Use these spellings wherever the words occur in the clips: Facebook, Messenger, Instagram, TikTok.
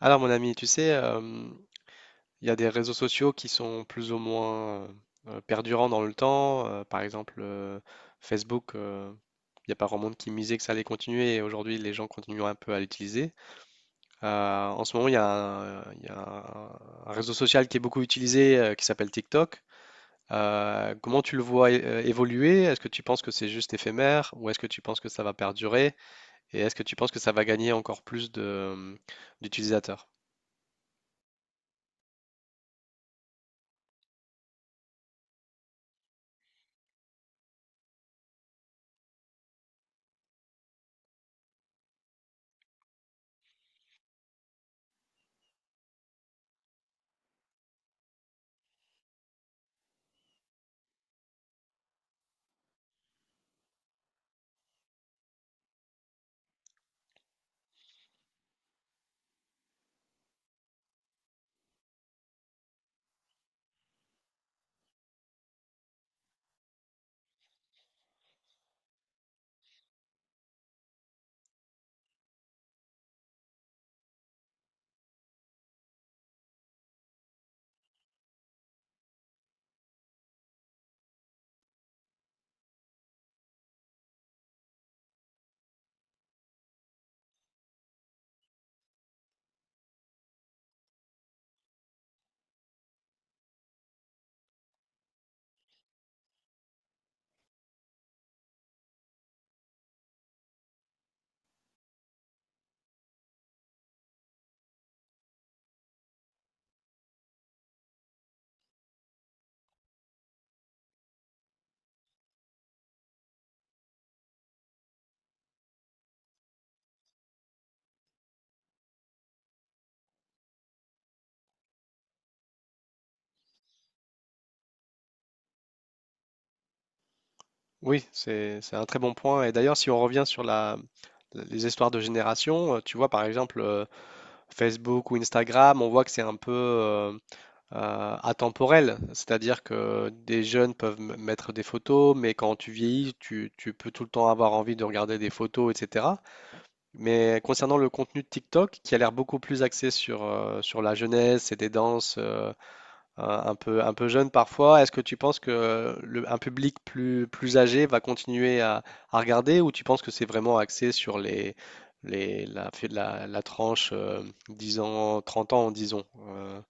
Alors mon ami, tu sais, il y a des réseaux sociaux qui sont plus ou moins perdurants dans le temps. Par exemple, Facebook, il y a pas grand monde qui misait que ça allait continuer et aujourd'hui les gens continuent un peu à l'utiliser. En ce moment, il y a un réseau social qui est beaucoup utilisé qui s'appelle TikTok. Comment tu le vois évoluer? Est-ce que tu penses que c'est juste éphémère ou est-ce que tu penses que ça va perdurer? Et est-ce que tu penses que ça va gagner encore plus d'utilisateurs? Oui, c'est un très bon point. Et d'ailleurs, si on revient sur les histoires de génération, tu vois, par exemple, Facebook ou Instagram, on voit que c'est un peu atemporel. C'est-à-dire que des jeunes peuvent mettre des photos, mais quand tu vieillis, tu peux tout le temps avoir envie de regarder des photos, etc. Mais concernant le contenu de TikTok, qui a l'air beaucoup plus axé sur, sur la jeunesse et des danses un peu jeune parfois. Est-ce que tu penses que un public plus, plus âgé va continuer à regarder ou tu penses que c'est vraiment axé sur la tranche 10 ans, 30 ans, disons?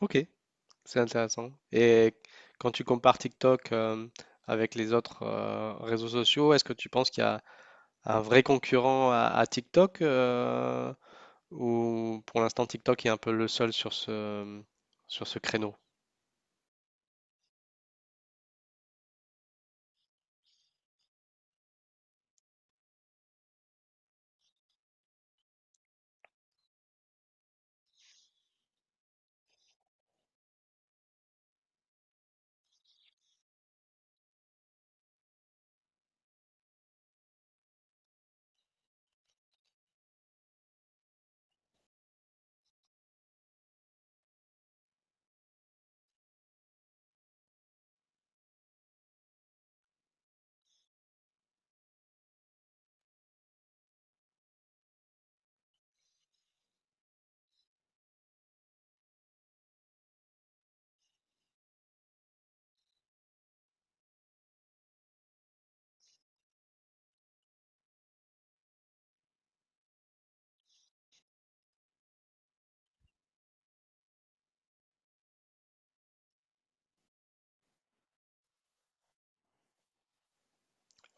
Ok, c'est intéressant. Et quand tu compares TikTok avec les autres réseaux sociaux, est-ce que tu penses qu'il y a un vrai concurrent à TikTok ou pour l'instant TikTok est un peu le seul sur sur ce créneau?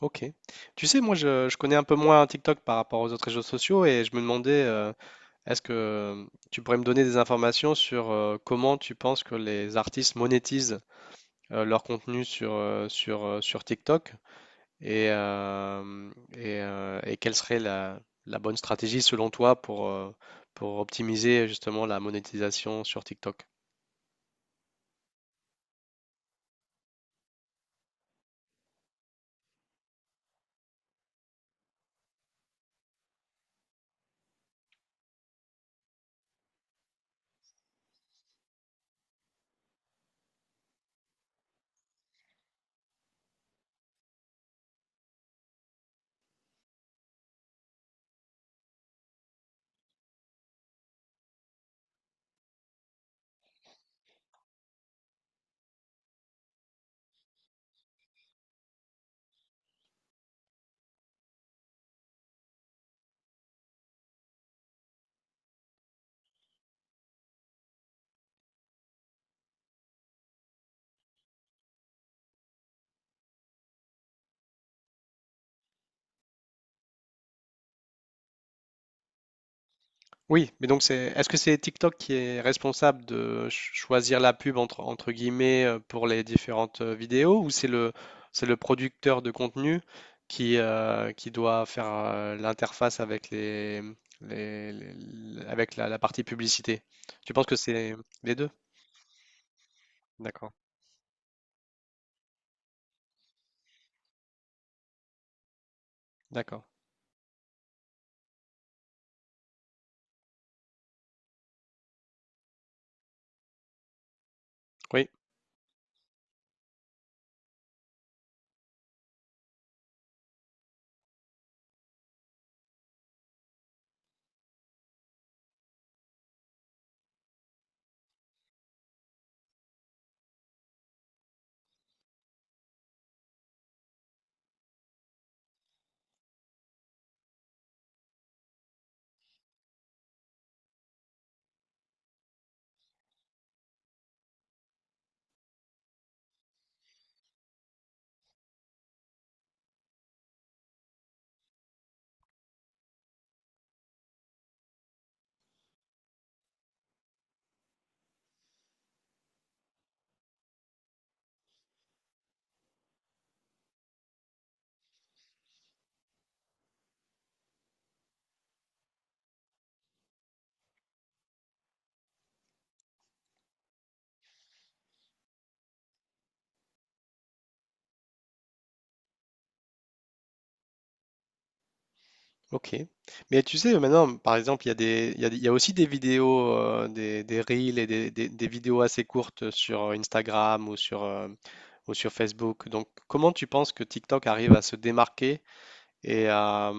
Ok. Tu sais, moi, je connais un peu moins TikTok par rapport aux autres réseaux sociaux et je me demandais, est-ce que tu pourrais me donner des informations sur comment tu penses que les artistes monétisent leur contenu sur TikTok et, euh, et quelle serait la bonne stratégie selon toi pour optimiser justement la monétisation sur TikTok? Oui, mais donc est-ce que c'est TikTok qui est responsable de choisir la pub entre, entre guillemets pour les différentes vidéos ou c'est c'est le producteur de contenu qui doit faire l'interface avec avec la partie publicité? Tu penses que c'est les deux? D'accord, d'accord. Oui. Ok. Mais tu sais, maintenant, par exemple, il y a aussi des vidéos, des reels et des vidéos assez courtes sur Instagram ou sur Facebook. Donc, comment tu penses que TikTok arrive à se démarquer et à,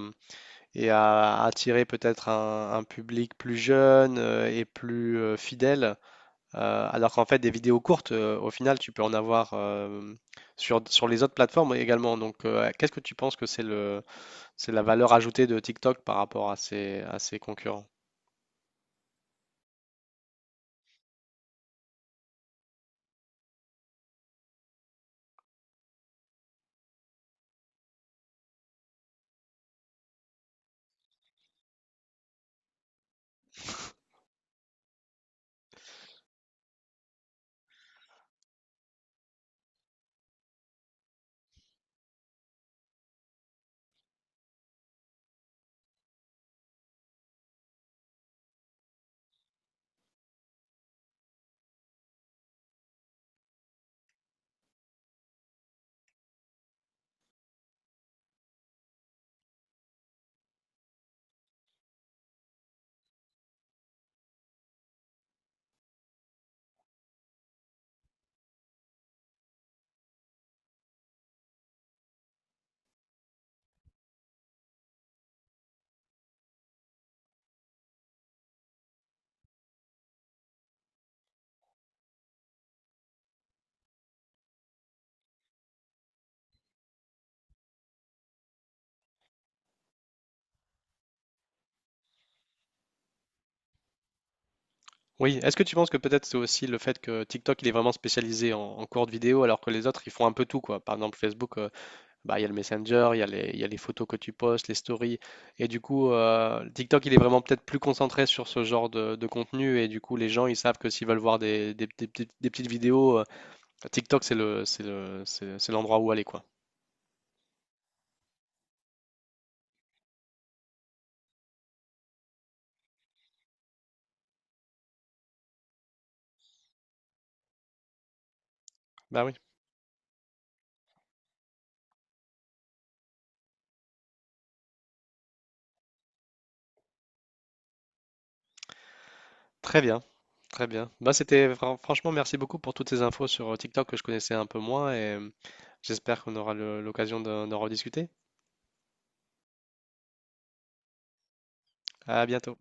et à attirer peut-être un public plus jeune et plus fidèle, alors qu'en fait, des vidéos courtes, au final, tu peux en avoir sur les autres plateformes également. Donc, qu'est-ce que tu penses que c'est la valeur ajoutée de TikTok par rapport à à ses concurrents. Oui, est-ce que tu penses que peut-être c'est aussi le fait que TikTok il est vraiment spécialisé en courte vidéo alors que les autres ils font un peu tout quoi. Par exemple Facebook, bah, il y a le Messenger, il y a les photos que tu postes, les stories et du coup TikTok il est vraiment peut-être plus concentré sur ce genre de contenu et du coup les gens ils savent que s'ils veulent voir des petites vidéos, TikTok c'est le, c'est le, c'est l'endroit où aller quoi. Bah oui. Très bien, très bien. Bah, c'était franchement merci beaucoup pour toutes ces infos sur TikTok que je connaissais un peu moins et j'espère qu'on aura l'occasion d'en rediscuter. À bientôt.